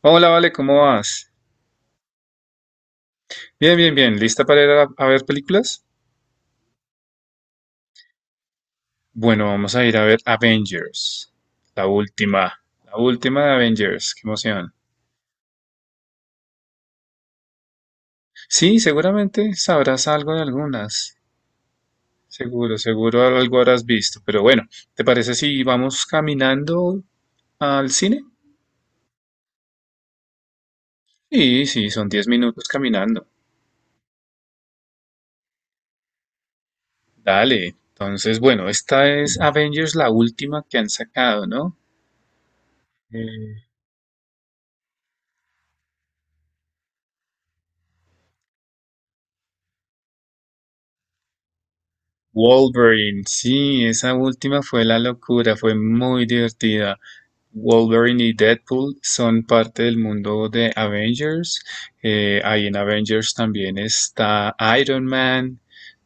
Hola, Vale, ¿cómo vas? Bien, bien, bien. ¿Lista para ir a ver películas? Bueno, vamos a ir a ver Avengers. La última. La última de Avengers. Qué emoción. Sí, seguramente sabrás algo de algunas. Seguro, seguro algo habrás visto. Pero bueno, ¿te parece si vamos caminando al cine? Sí, sí, son 10 minutos caminando. Dale. Entonces, bueno, esta es Avengers, la última que han sacado, ¿no? Eh, Wolverine, sí, esa última fue la locura, fue muy divertida. Wolverine y Deadpool son parte del mundo de Avengers. Ahí en Avengers también está Iron Man,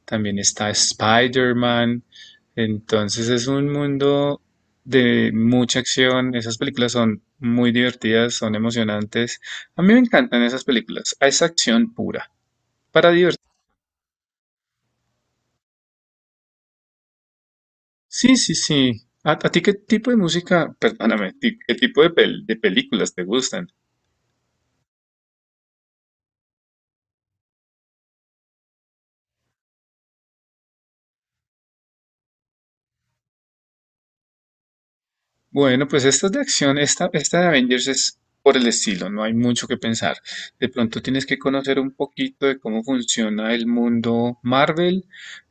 también está Spider-Man. Entonces es un mundo de mucha acción. Esas películas son muy divertidas, son emocionantes. A mí me encantan esas películas. Es acción pura, para divertirse. Sí, sí, sí. ¿A ti qué tipo de música, perdóname, qué tipo de, de películas te gustan? Bueno, pues esta es de acción, esta de Avengers es por el estilo, no hay mucho que pensar. De pronto tienes que conocer un poquito de cómo funciona el mundo Marvel,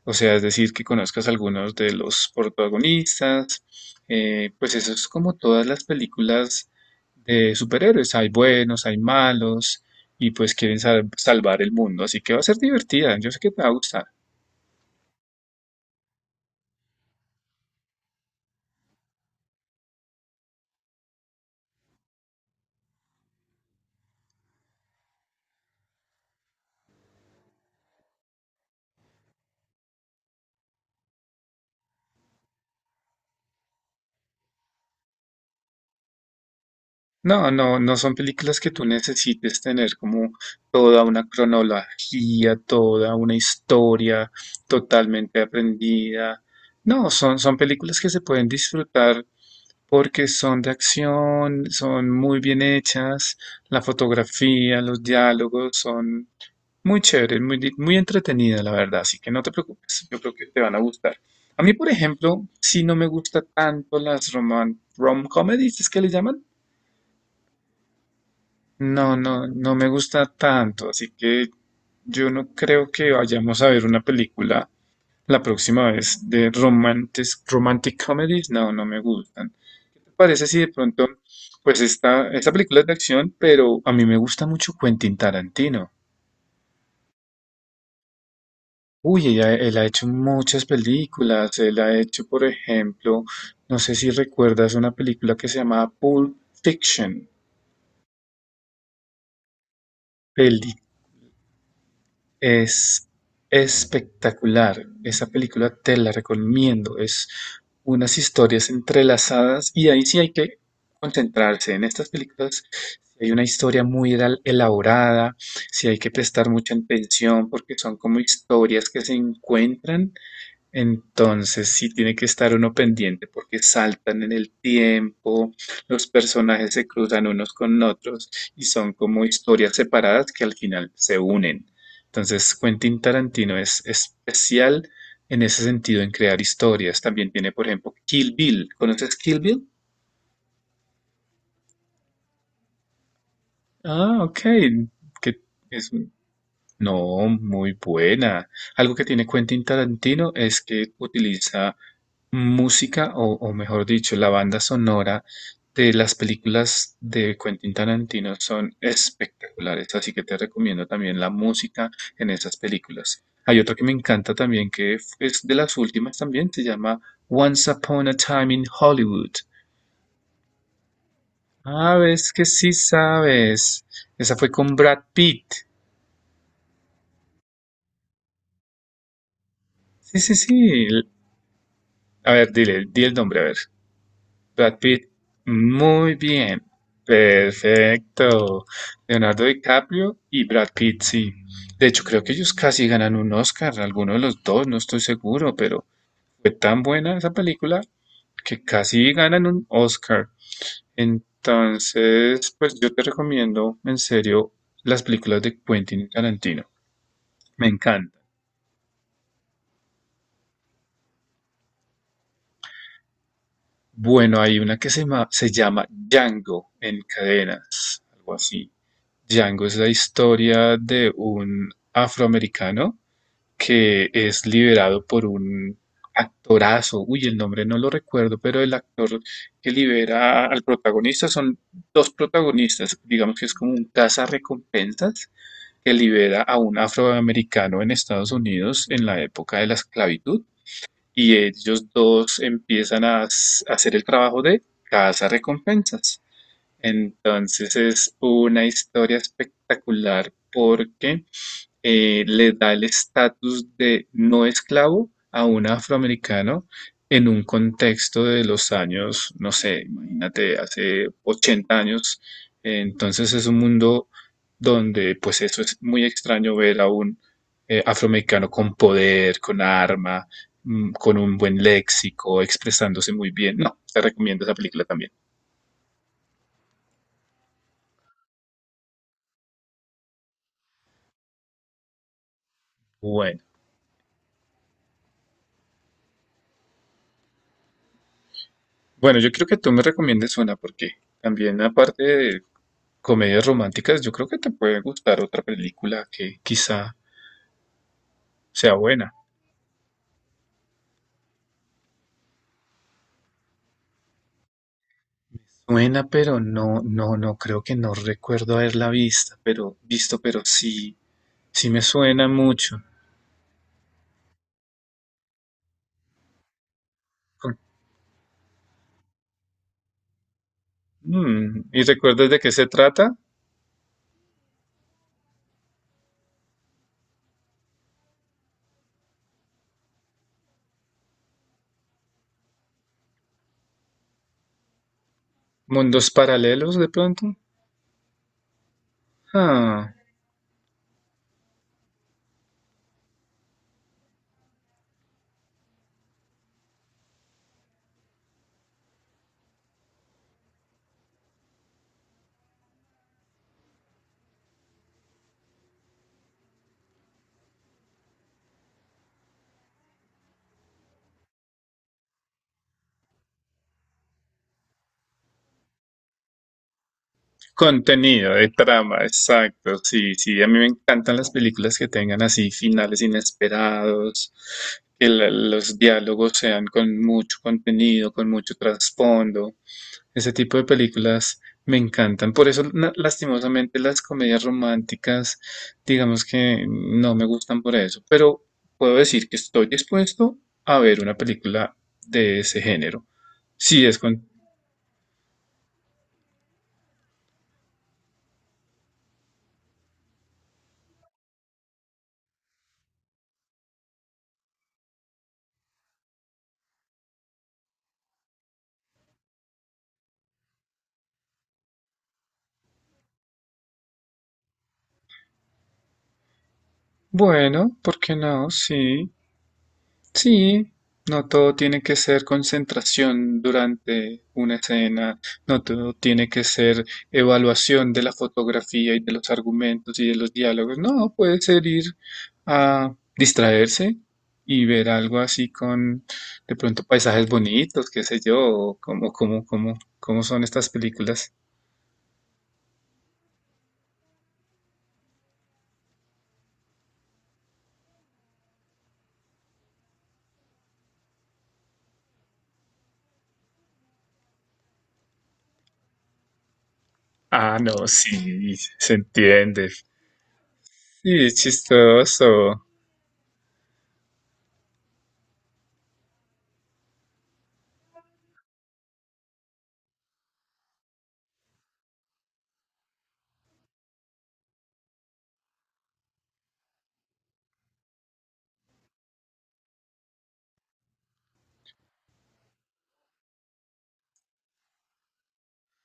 o sea, es decir, que conozcas algunos de los protagonistas, pues eso es como todas las películas de superhéroes, hay buenos, hay malos, y pues quieren salvar el mundo, así que va a ser divertida, yo sé que te va a gustar. No, no, no son películas que tú necesites tener como toda una cronología, toda una historia totalmente aprendida. No, son, son películas que se pueden disfrutar porque son de acción, son muy bien hechas, la fotografía, los diálogos son muy chéveres, muy, muy entretenidas, la verdad. Así que no te preocupes, yo creo que te van a gustar. A mí, por ejemplo, si no me gusta tanto las roman, rom-comedies, ¿es que le llaman? No, no, no me gusta tanto, así que yo no creo que vayamos a ver una película la próxima vez de romantic, romantic comedies. No, no me gustan. ¿Te parece si de pronto, pues esta película es de acción, pero a mí me gusta mucho Quentin Tarantino? Uy, él ha hecho muchas películas. Él ha hecho, por ejemplo, no sé si recuerdas una película que se llamaba Pulp Fiction. Es espectacular. Esa película te la recomiendo. Es unas historias entrelazadas y ahí sí hay que concentrarse. En estas películas sí hay una historia muy elaborada, sí hay que prestar mucha atención porque son como historias que se encuentran, entonces sí tiene que estar uno pendiente porque saltan en el tiempo, los personajes se cruzan unos con otros y son como historias separadas que al final se unen. Entonces Quentin Tarantino es especial en ese sentido en crear historias. También tiene, por ejemplo, Kill Bill. ¿Conoces Kill Bill? Ah, ok. Que es No, muy buena. Algo que tiene Quentin Tarantino es que utiliza música o mejor dicho, la banda sonora de las películas de Quentin Tarantino son espectaculares, así que te recomiendo también la música en esas películas. Hay otro que me encanta también, que es de las últimas también, se llama Once Upon a Time in Hollywood. Ah, ves que sí sabes. Esa fue con Brad Pitt. Sí, sí, sí. A ver, dile, di el nombre, a ver. Brad Pitt, muy bien, perfecto. Leonardo DiCaprio y Brad Pitt, sí. De hecho, creo que ellos casi ganan un Oscar, alguno de los dos, no estoy seguro, pero fue tan buena esa película que casi ganan un Oscar. Entonces, pues yo te recomiendo en serio las películas de Quentin Tarantino. Me encanta. Bueno, hay una que se llama Django en cadenas, algo así. Django es la historia de un afroamericano que es liberado por un actorazo. Uy, el nombre no lo recuerdo, pero el actor que libera al protagonista son dos protagonistas. Digamos que es como un recompensas que libera a un afroamericano en Estados Unidos en la época de la esclavitud. Y ellos dos empiezan a hacer el trabajo de recompensas, entonces es una historia espectacular porque le da el estatus de no esclavo a un afroamericano en un contexto de los años, no sé, imagínate, hace 80 años. Entonces es un mundo donde pues eso es muy extraño ver a un afroamericano con poder, con arma, mm, con un buen léxico, expresándose muy bien. No, te recomiendo esa película también. Bueno. Bueno, yo creo que tú me recomiendes una porque también aparte de comedias románticas, yo creo que te puede gustar otra película que quizá sea buena. Buena, pero no, no, no creo, que no recuerdo haberla vista, pero visto, pero sí, sí me suena mucho. Con- mm, ¿y recuerdas de qué se trata? ¿Mundos paralelos de pronto? Ah. Contenido de trama, exacto. Sí, sí, a mí me encantan las películas que tengan así finales inesperados, que los diálogos sean con mucho contenido, con mucho trasfondo. Ese tipo de películas me encantan. Por eso, lastimosamente, las comedias románticas, digamos que no me gustan por eso, pero puedo decir que estoy dispuesto a ver una película de ese género. Sí, es con... Bueno, ¿por qué no? Sí. Sí, no todo tiene que ser concentración durante una escena, no todo tiene que ser evaluación de la fotografía y de los argumentos y de los diálogos, no, puede ser ir a distraerse y ver algo así con de pronto paisajes bonitos, qué sé yo, o cómo son estas películas. Ah, no, sí, se entiende. Sí, es chistoso.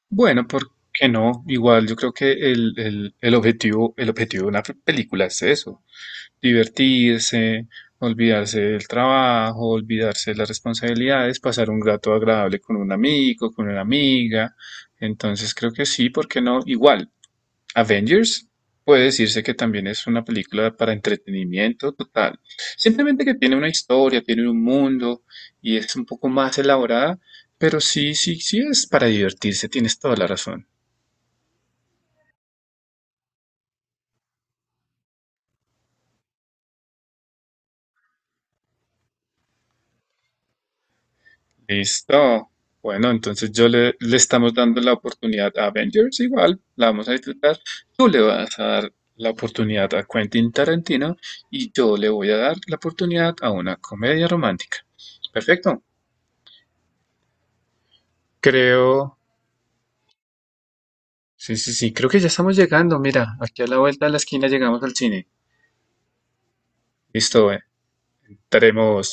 Bueno, ¿por qué no? Igual yo creo que el objetivo de una película es eso, divertirse, olvidarse del trabajo, olvidarse de las responsabilidades, pasar un rato agradable con un amigo, con una amiga. Entonces creo que sí, ¿por qué no? Igual, Avengers puede decirse que también es una película para entretenimiento total. Simplemente que tiene una historia, tiene un mundo y es un poco más elaborada, pero sí, sí, sí es para divertirse, tienes toda la razón. Listo. Bueno, entonces yo le estamos dando la oportunidad a Avengers, igual la vamos a disfrutar. Tú le vas a dar la oportunidad a Quentin Tarantino y yo le voy a dar la oportunidad a una comedia romántica. Perfecto. Creo, sí, sí, sí, creo que ya estamos llegando. Mira, aquí a la vuelta de la esquina llegamos al cine. Listo, entremos.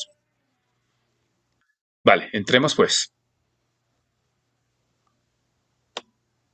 Vale, entremos pues.